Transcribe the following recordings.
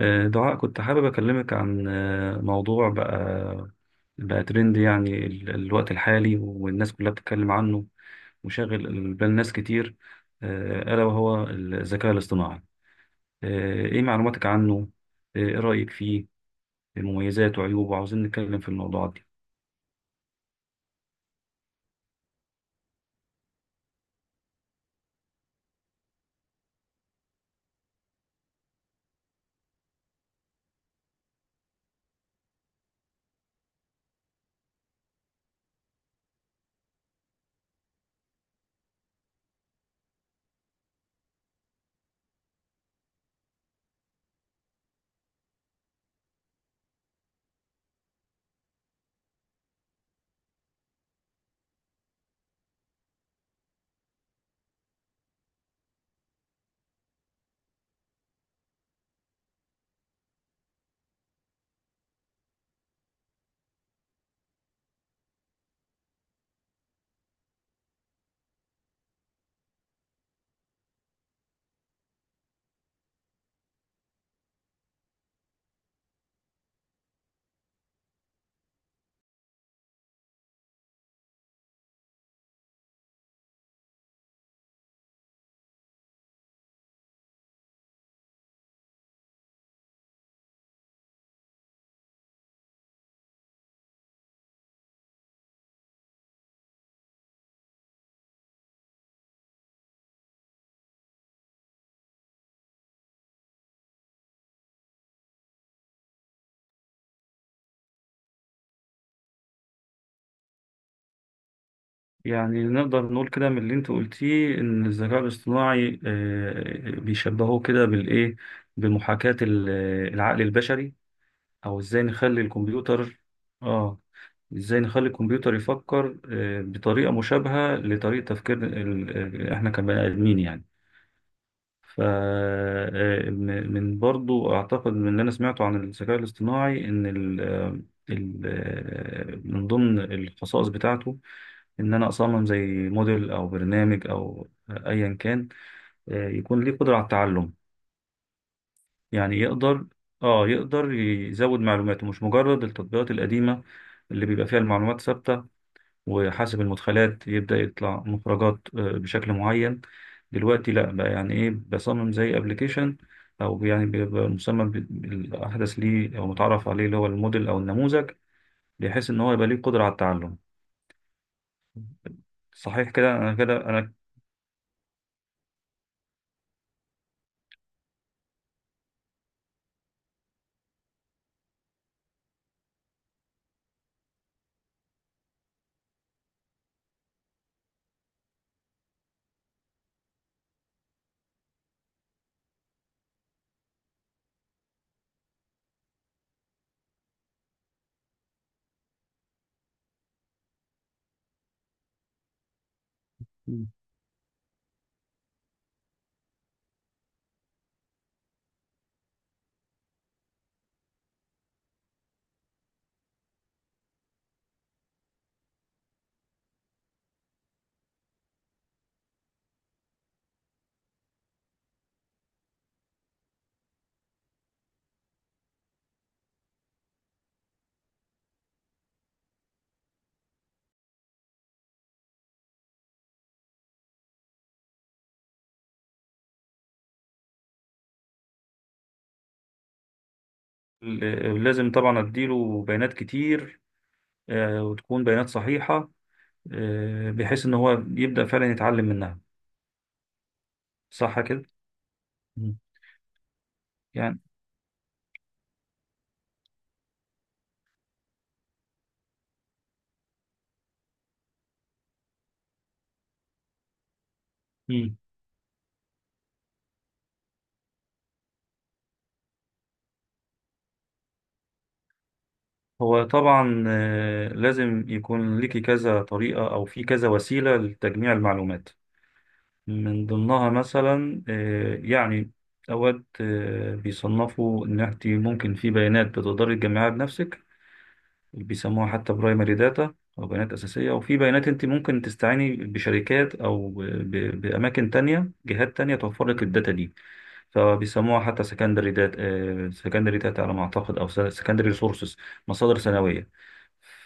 دعاء، كنت حابب أكلمك عن موضوع بقى ترند يعني الوقت الحالي والناس كلها بتتكلم عنه، وشاغل بال ناس كتير. ألا وهو الذكاء الاصطناعي. إيه معلوماتك عنه؟ إيه رأيك فيه؟ مميزاته وعيوبه، وعاوزين نتكلم في الموضوعات دي. يعني نقدر نقول كده من اللي أنت قلتيه إن الذكاء الاصطناعي بيشبهوه كده بالإيه؟ بمحاكاة العقل البشري، او ازاي نخلي الكمبيوتر. اه، ازاي نخلي الكمبيوتر يفكر بطريقة مشابهة لطريقة تفكير احنا كبني ادمين يعني. ف من برضو اعتقد من اللي انا سمعته عن الذكاء الاصطناعي ان من ضمن الخصائص بتاعته ان انا اصمم زي موديل او برنامج او ايا كان، يكون ليه قدرة على التعلم. يعني يقدر يزود معلوماته، مش مجرد التطبيقات القديمة اللي بيبقى فيها المعلومات ثابتة وحاسب المدخلات يبدأ يطلع مخرجات بشكل معين. دلوقتي لا بقى، يعني ايه بصمم زي ابلكيشن او يعني بيبقى مسمى بالاحدث ليه او متعرف عليه، اللي هو الموديل او النموذج، بحيث ان هو يبقى ليه قدرة على التعلم. صحيح كده انا، كده انا. مم. لازم طبعا اديله بيانات كتير، وتكون بيانات صحيحة، بحيث ان هو يبدأ فعلا يتعلم منها. صح كده. مم. يعني. مم. هو طبعا لازم يكون ليكي كذا طريقة او في كذا وسيلة لتجميع المعلومات. من ضمنها مثلا يعني اوقات بيصنفوا ان انت ممكن في بيانات بتقدري تجمعها بنفسك، بيسموها حتى برايمري داتا او بيانات اساسيه. وفي بيانات انت ممكن تستعيني بشركات او باماكن تانية، جهات تانية توفر لك الداتا دي، فبيسموها حتى سكندري داتا، سكندري داتا، على ما اعتقد، او سكندري ريسورسز، مصادر ثانويه.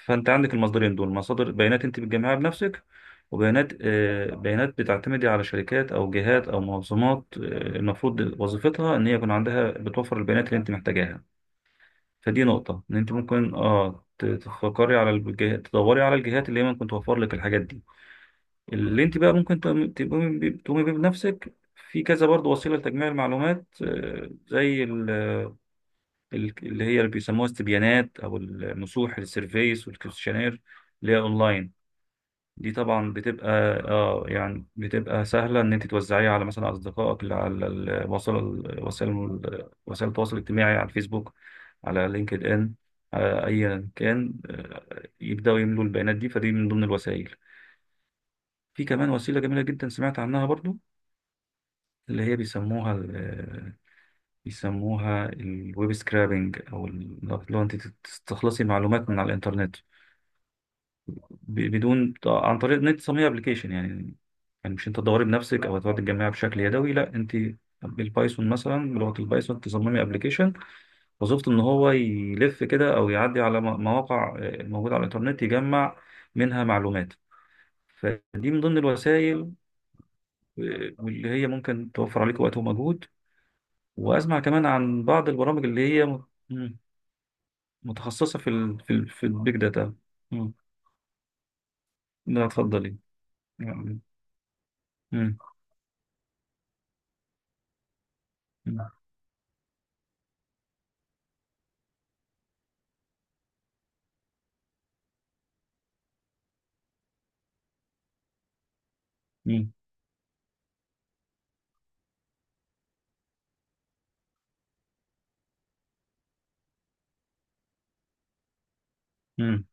فانت عندك المصدرين دول: مصادر بيانات انت بتجمعها بنفسك، وبيانات بيانات بتعتمدي على شركات او جهات او منظمات، المفروض وظيفتها ان هي يكون عندها، بتوفر البيانات اللي انت محتاجاها. فدي نقطه، ان انت ممكن تفكري على الجهات، تدوري على الجهات اللي هي ممكن توفر لك الحاجات دي. اللي انت بقى ممكن تقومي بيه بنفسك، في كذا برضه وسيله لتجميع المعلومات، زي اللي هي اللي بيسموها استبيانات، او النصوح، السيرفيس والكويشنير، اللي هي اونلاين. دي طبعا بتبقى، اه يعني بتبقى سهله ان انت توزعيها على مثلا اصدقائك اللي على الوسائل، وسائل وسائل التواصل الاجتماعي، على الفيسبوك، على لينكد ان، على ايا كان، يبداوا يملوا البيانات دي. فدي من ضمن الوسائل. في كمان وسيله جميله جدا سمعت عنها برضو، اللي هي بيسموها الويب سكرابنج، لو انت تستخلصي معلومات من على الانترنت، ب- بدون عن طريق ان انت تصممي ابلكيشن. يعني يعني مش انت تدوري بنفسك او تقعدي تجمعي بشكل يدوي، لا، انت بالبايثون مثلا، بلغه البايثون، تصممي ابلكيشن وظيفته ان هو يلف كده، او يعدي على مواقع موجوده على الانترنت، يجمع منها معلومات. فدي من ضمن الوسائل، واللي هي ممكن توفر عليك وقت ومجهود. وأسمع كمان عن بعض البرامج اللي هي مت- مم. متخصصة في البيج داتا. مم. لا اتفضلي. يعني. مم. مم. مم. مم.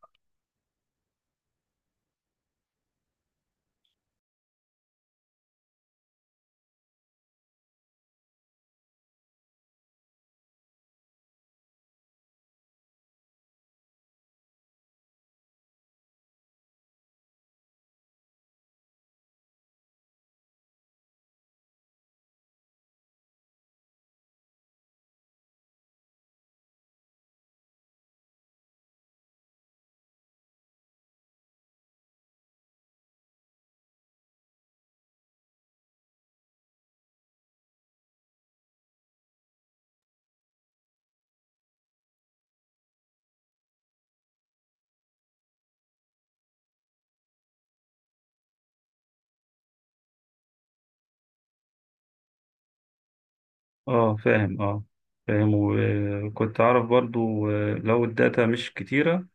اه فاهم، اه فاهم. وكنت أعرف برضو لو الداتا مش كتيرة،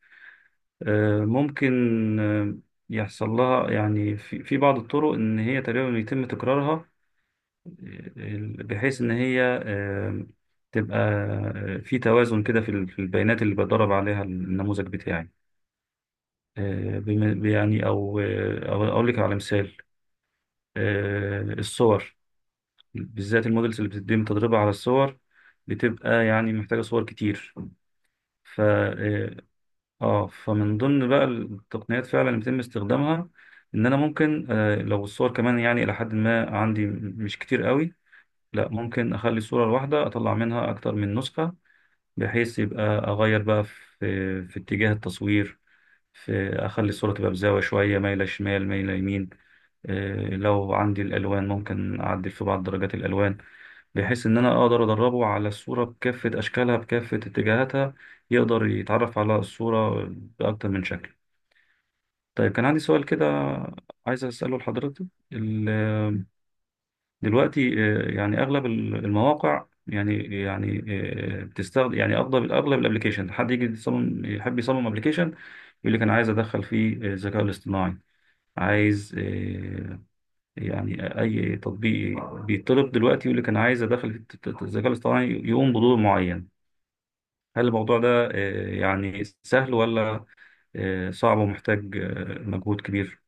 ممكن آه، يحصل لها، يعني في بعض الطرق، إن هي تقريبا يتم تكرارها، بحيث إن هي تبقى في توازن كده في في البيانات اللي بدرب عليها النموذج بتاعي. يعني، او اقول لك على مثال: الصور، بالذات المودلز اللي بتتم تدريبها على الصور، بتبقى يعني محتاجة صور كتير. ف اه آه، فمن ضمن بقى التقنيات فعلا اللي بيتم استخدامها، ان انا ممكن لو الصور كمان يعني الى حد ما عندي مش كتير قوي، لا، ممكن اخلي الصورة الواحدة اطلع منها اكتر من نسخة، بحيث يبقى اغير بقى في اتجاه التصوير، في اخلي الصورة تبقى بزاوية شوية، مايلة شمال، مايلة يمين. إيه، لو عندي الألوان ممكن أعدل في بعض درجات الألوان، بحيث إن أنا أقدر أدربه على الصورة بكافة أشكالها، بكافة اتجاهاتها، يقدر يتعرف على الصورة بأكتر من شكل. طيب، كان عندي سؤال كده عايز أسأله لحضرتك. ال- دلوقتي يعني أغلب المواقع، يعني، يعني بتستخدم، يعني اغلب الابلكيشن، حد يجي يصمم، يحب يصمم ابلكيشن، يقول لك انا عايز ادخل فيه الذكاء الاصطناعي. عايز يعني أي تطبيق بيطلب دلوقتي يقول لك أنا عايز أدخل في الذكاء الاصطناعي يقوم بدور معين. هل الموضوع ده يعني سهل، ولا صعب ومحتاج مجهود كبير؟